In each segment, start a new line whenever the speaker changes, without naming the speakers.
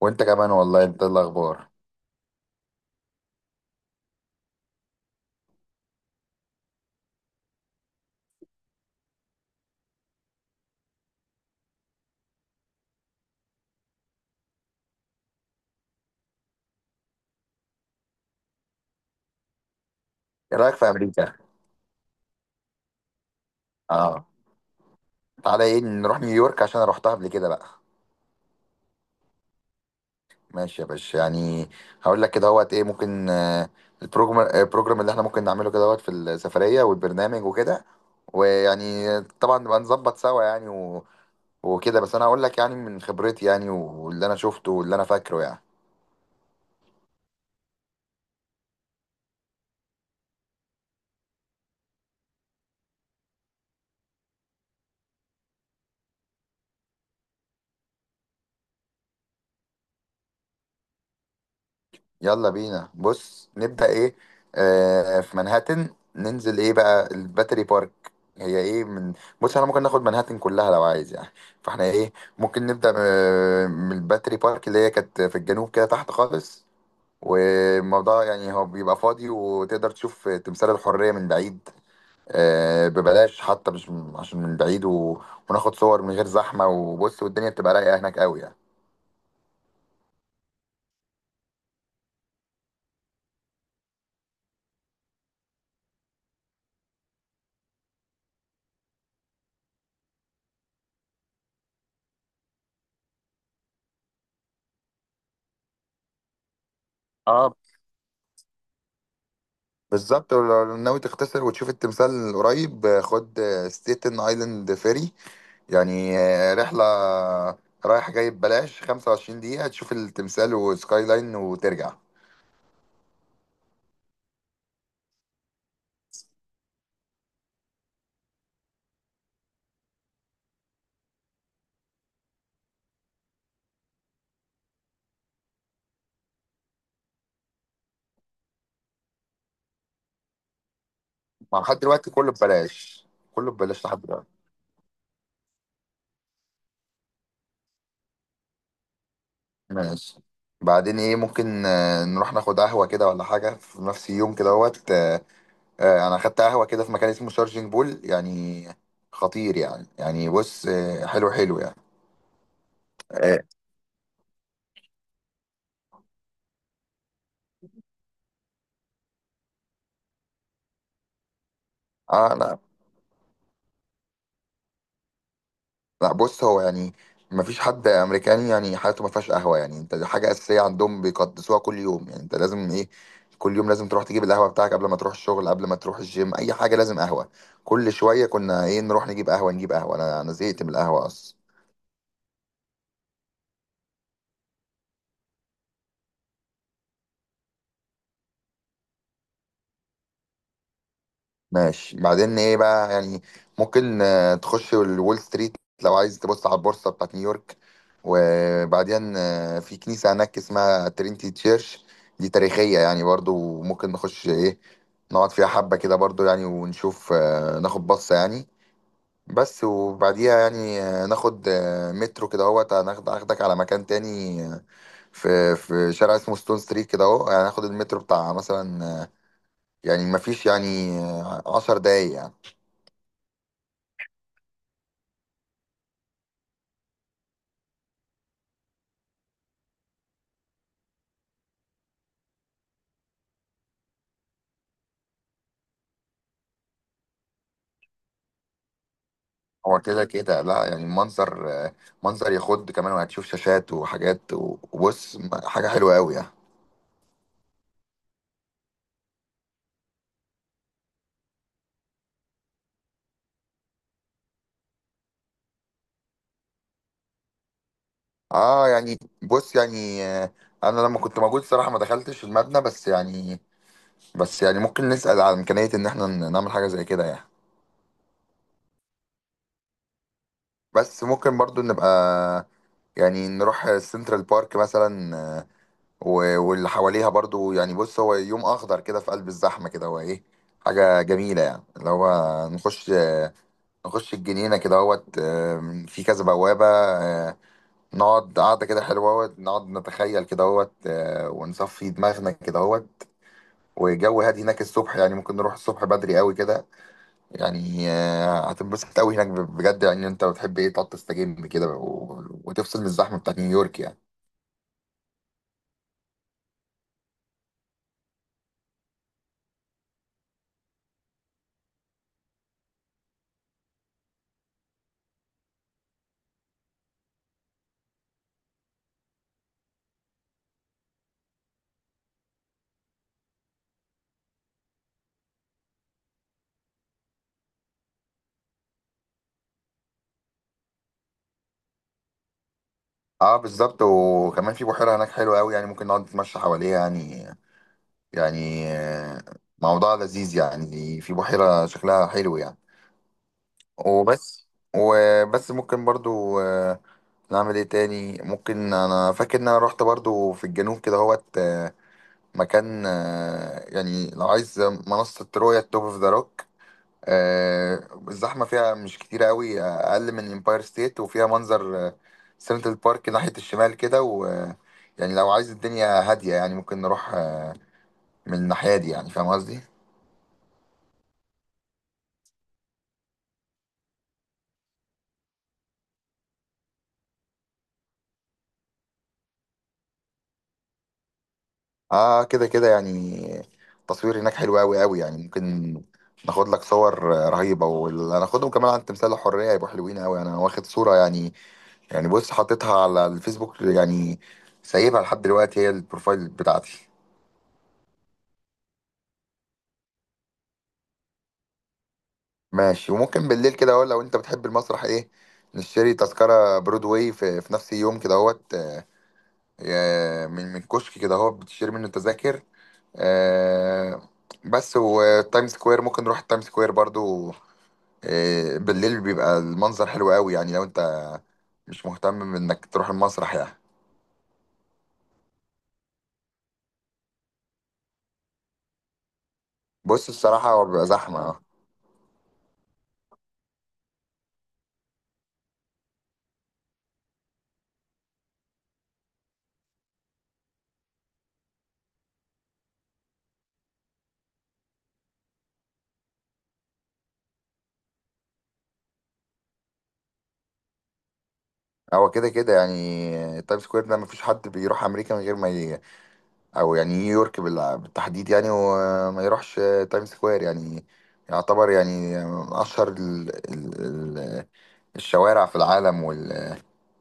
وانت كمان والله، انت إيه الاخبار؟ ايه رايك في امريكا؟ اه. تعالى ايه، نروح نيويورك عشان انا رحتها قبل كده بقى. ماشي يا باشا يعني. هقول لك كده هوت ايه ممكن. البروجرام اللي احنا ممكن نعمله كده هوت، في السفريه والبرنامج وكده. ويعني طبعا نبقى نظبط سوا يعني و... وكده، بس انا هقول لك يعني من خبرتي يعني، واللي انا شفته واللي انا فاكره يعني. يلا بينا، بص نبدأ ايه. في منهاتن، ننزل ايه بقى، الباتري بارك. هي ايه من، بص احنا ممكن ناخد منهاتن كلها لو عايز يعني. فاحنا ايه، ممكن نبدأ من الباتري بارك، اللي هي كانت في الجنوب كده تحت خالص. والموضوع يعني هو بيبقى فاضي، وتقدر تشوف تمثال الحرية من بعيد. آه ببلاش حتى، مش عشان من بعيد و... وناخد صور من غير زحمة، وبص والدنيا بتبقى رايقة هناك قوي يعني. بالظبط، ولو ناوي تختصر وتشوف التمثال قريب، خد ستيتن ايلاند فيري، يعني رحلة رايح جاي ببلاش، 25 دقيقة تشوف التمثال وسكاي لاين وترجع. مع لحد دلوقتي كله ببلاش. كله ببلاش لحد دلوقتي. ماشي. بعدين ايه ممكن، نروح ناخد قهوة كده ولا حاجة في نفس اليوم كده اهوت. انا اخدت قهوة كده في مكان اسمه شارجنج بول، يعني خطير يعني. يعني بص، حلو حلو يعني. انا لا، بص هو يعني ما فيش حد امريكاني يعني حياته ما فيهاش قهوه، يعني انت دي حاجه اساسيه عندهم، بيقدسوها كل يوم. يعني انت لازم ايه، كل يوم لازم تروح تجيب القهوه بتاعك قبل ما تروح الشغل، قبل ما تروح الجيم، اي حاجه لازم قهوه. كل شويه كنا ايه، نروح نجيب قهوه نجيب قهوه. انا زهقت من القهوه اصلا. ماشي. بعدين ايه بقى يعني، ممكن تخش الول ستريت لو عايز تبص على البورصة بتاعت نيويورك. وبعدين في كنيسة هناك اسمها ترينتي تشيرش، دي تاريخية يعني برضو. ممكن نخش ايه، نقعد فيها حبة كده برضو يعني، ونشوف ناخد بصة يعني. بس وبعديها يعني، ناخد مترو كده اهوت، هناخد اخدك على مكان تاني. في شارع اسمه ستون ستريت كده اهو، يعني هناخد المترو بتاع مثلا، يعني مفيش يعني 10 دقايق يعني. هو كده كده، لا يعني المنظر منظر يخض كمان، وهتشوف شاشات وحاجات وبص حاجة حلوة قوي يعني. اه يعني بص يعني، انا لما كنت موجود صراحة ما دخلتش المبنى، بس يعني بس يعني ممكن نسأل على إمكانية ان احنا نعمل حاجة زي كده يعني. بس ممكن برضو نبقى يعني نروح سنترال بارك مثلا، واللي حواليها برضو يعني. بص هو يوم اخضر كده في قلب الزحمة كده، هو ايه حاجة جميلة يعني، اللي هو نخش نخش الجنينة كده اهوت. في كذا بوابة. نقعد قعدة كده حلوة اهوت، نقعد نتخيل كده اهوت، ونصفي دماغنا كده اهوت. وجو هادي هناك الصبح، يعني ممكن نروح الصبح بدري قوي كده، يعني هتنبسط قوي هناك بجد يعني. انت بتحب ايه تقعد تستجم كده، وتفصل من الزحمة بتاعت نيويورك يعني. اه بالظبط. وكمان في بحيرة هناك حلوة قوي يعني، ممكن نقعد نتمشى حواليها يعني. يعني موضوع لذيذ يعني، في بحيرة شكلها حلو يعني. وبس. وبس ممكن برضو نعمل ايه تاني. ممكن انا فاكر ان انا رحت برضو في الجنوب كده هوت، مكان يعني لو عايز منصة رؤية، توب اوف ذا روك. الزحمة فيها مش كتير قوي، اقل من امباير ستيت، وفيها منظر سنترال بارك ناحية الشمال كده. و يعني لو عايز الدنيا هادية يعني، ممكن نروح من الناحية دي يعني، فاهم قصدي. اه كده كده يعني، التصوير هناك حلو قوي قوي يعني. ممكن ناخد لك صور رهيبة، واللي هناخدهم كمان عن تمثال الحرية يبقوا حلوين قوي. انا واخد صورة يعني، يعني بص حطيتها على الفيسبوك يعني، سايبها لحد دلوقتي هي البروفايل بتاعتي. ماشي. وممكن بالليل كده اهو، لو انت بتحب المسرح ايه، نشتري تذكرة برودواي في نفس اليوم كده اهوت، من كشك كده اهو بتشتري منه تذاكر. آه، بس. وتايم سكوير ممكن نروح التايم سكوير برضو. بالليل بيبقى المنظر حلو قوي، يعني لو انت مش مهتم انك تروح المسرح يعني. بص الصراحة هو بيبقى زحمة، اه. هو كده كده يعني، تايم سكوير ده مفيش حد بيروح أمريكا من غير ما أو يعني نيويورك بالتحديد يعني، وما يروحش تايم سكوير. يعني يعتبر يعني من أشهر ال... الشوارع في العالم.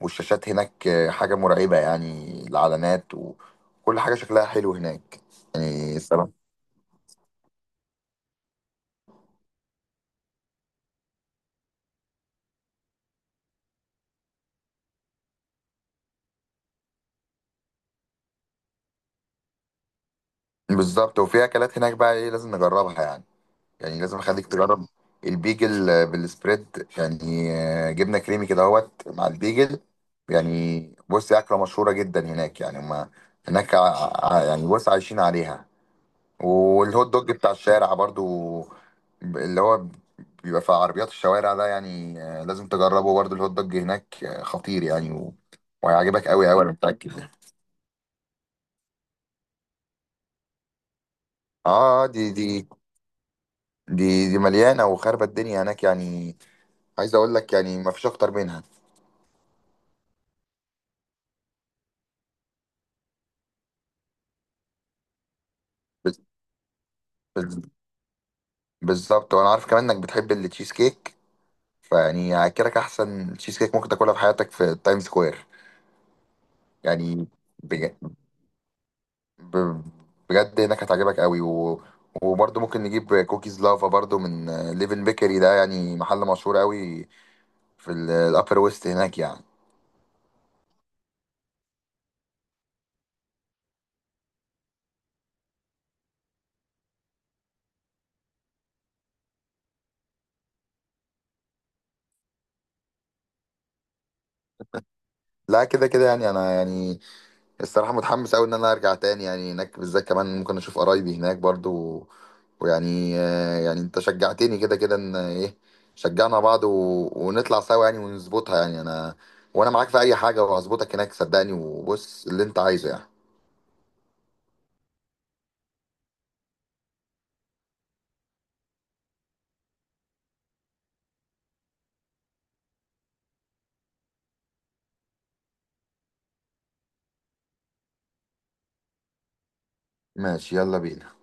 والشاشات هناك حاجة مرعبة يعني، الإعلانات وكل حاجة شكلها حلو هناك يعني، الصراحة. بالظبط. وفي اكلات هناك بقى ايه لازم نجربها يعني. يعني لازم اخليك تجرب البيجل بالسبريد يعني، جبنه كريمي كده اهوت مع البيجل يعني. بص اكله مشهوره جدا هناك يعني، ما هناك يعني بص عايشين عليها. والهوت دوج بتاع الشارع برضو، اللي هو بيبقى في عربيات الشوارع ده يعني، لازم تجربه برضو الهوت دوج هناك، خطير يعني و... وهيعجبك قوي قوي انا متاكد. اه دي مليانه وخربت الدنيا هناك يعني، عايز اقول لك يعني ما فيش اكتر منها. بز- بز- بالظبط. وانا عارف كمان انك بتحب التشيز كيك، فيعني هاكلك احسن تشيز كيك ممكن تاكلها في حياتك في تايم سكوير يعني. بج- ب- بجد هناك هتعجبك قوي و... وبرضه ممكن نجيب كوكيز لافا برضه من ليفن بيكري ده، يعني محل مشهور قوي في الابر ويست هناك يعني. لا كده كده يعني، انا يعني الصراحة متحمس أوي إن أنا أرجع تاني يعني، هناك بالذات كمان ممكن أشوف قرايبي هناك برضو. ويعني يعني أنت شجعتني كده كده، إن إيه شجعنا بعض و... ونطلع سوا يعني ونظبطها يعني. أنا وأنا معاك في أي حاجة، وهظبطك هناك صدقني، وبص اللي أنت عايزه يعني. ماشي يلا بينا.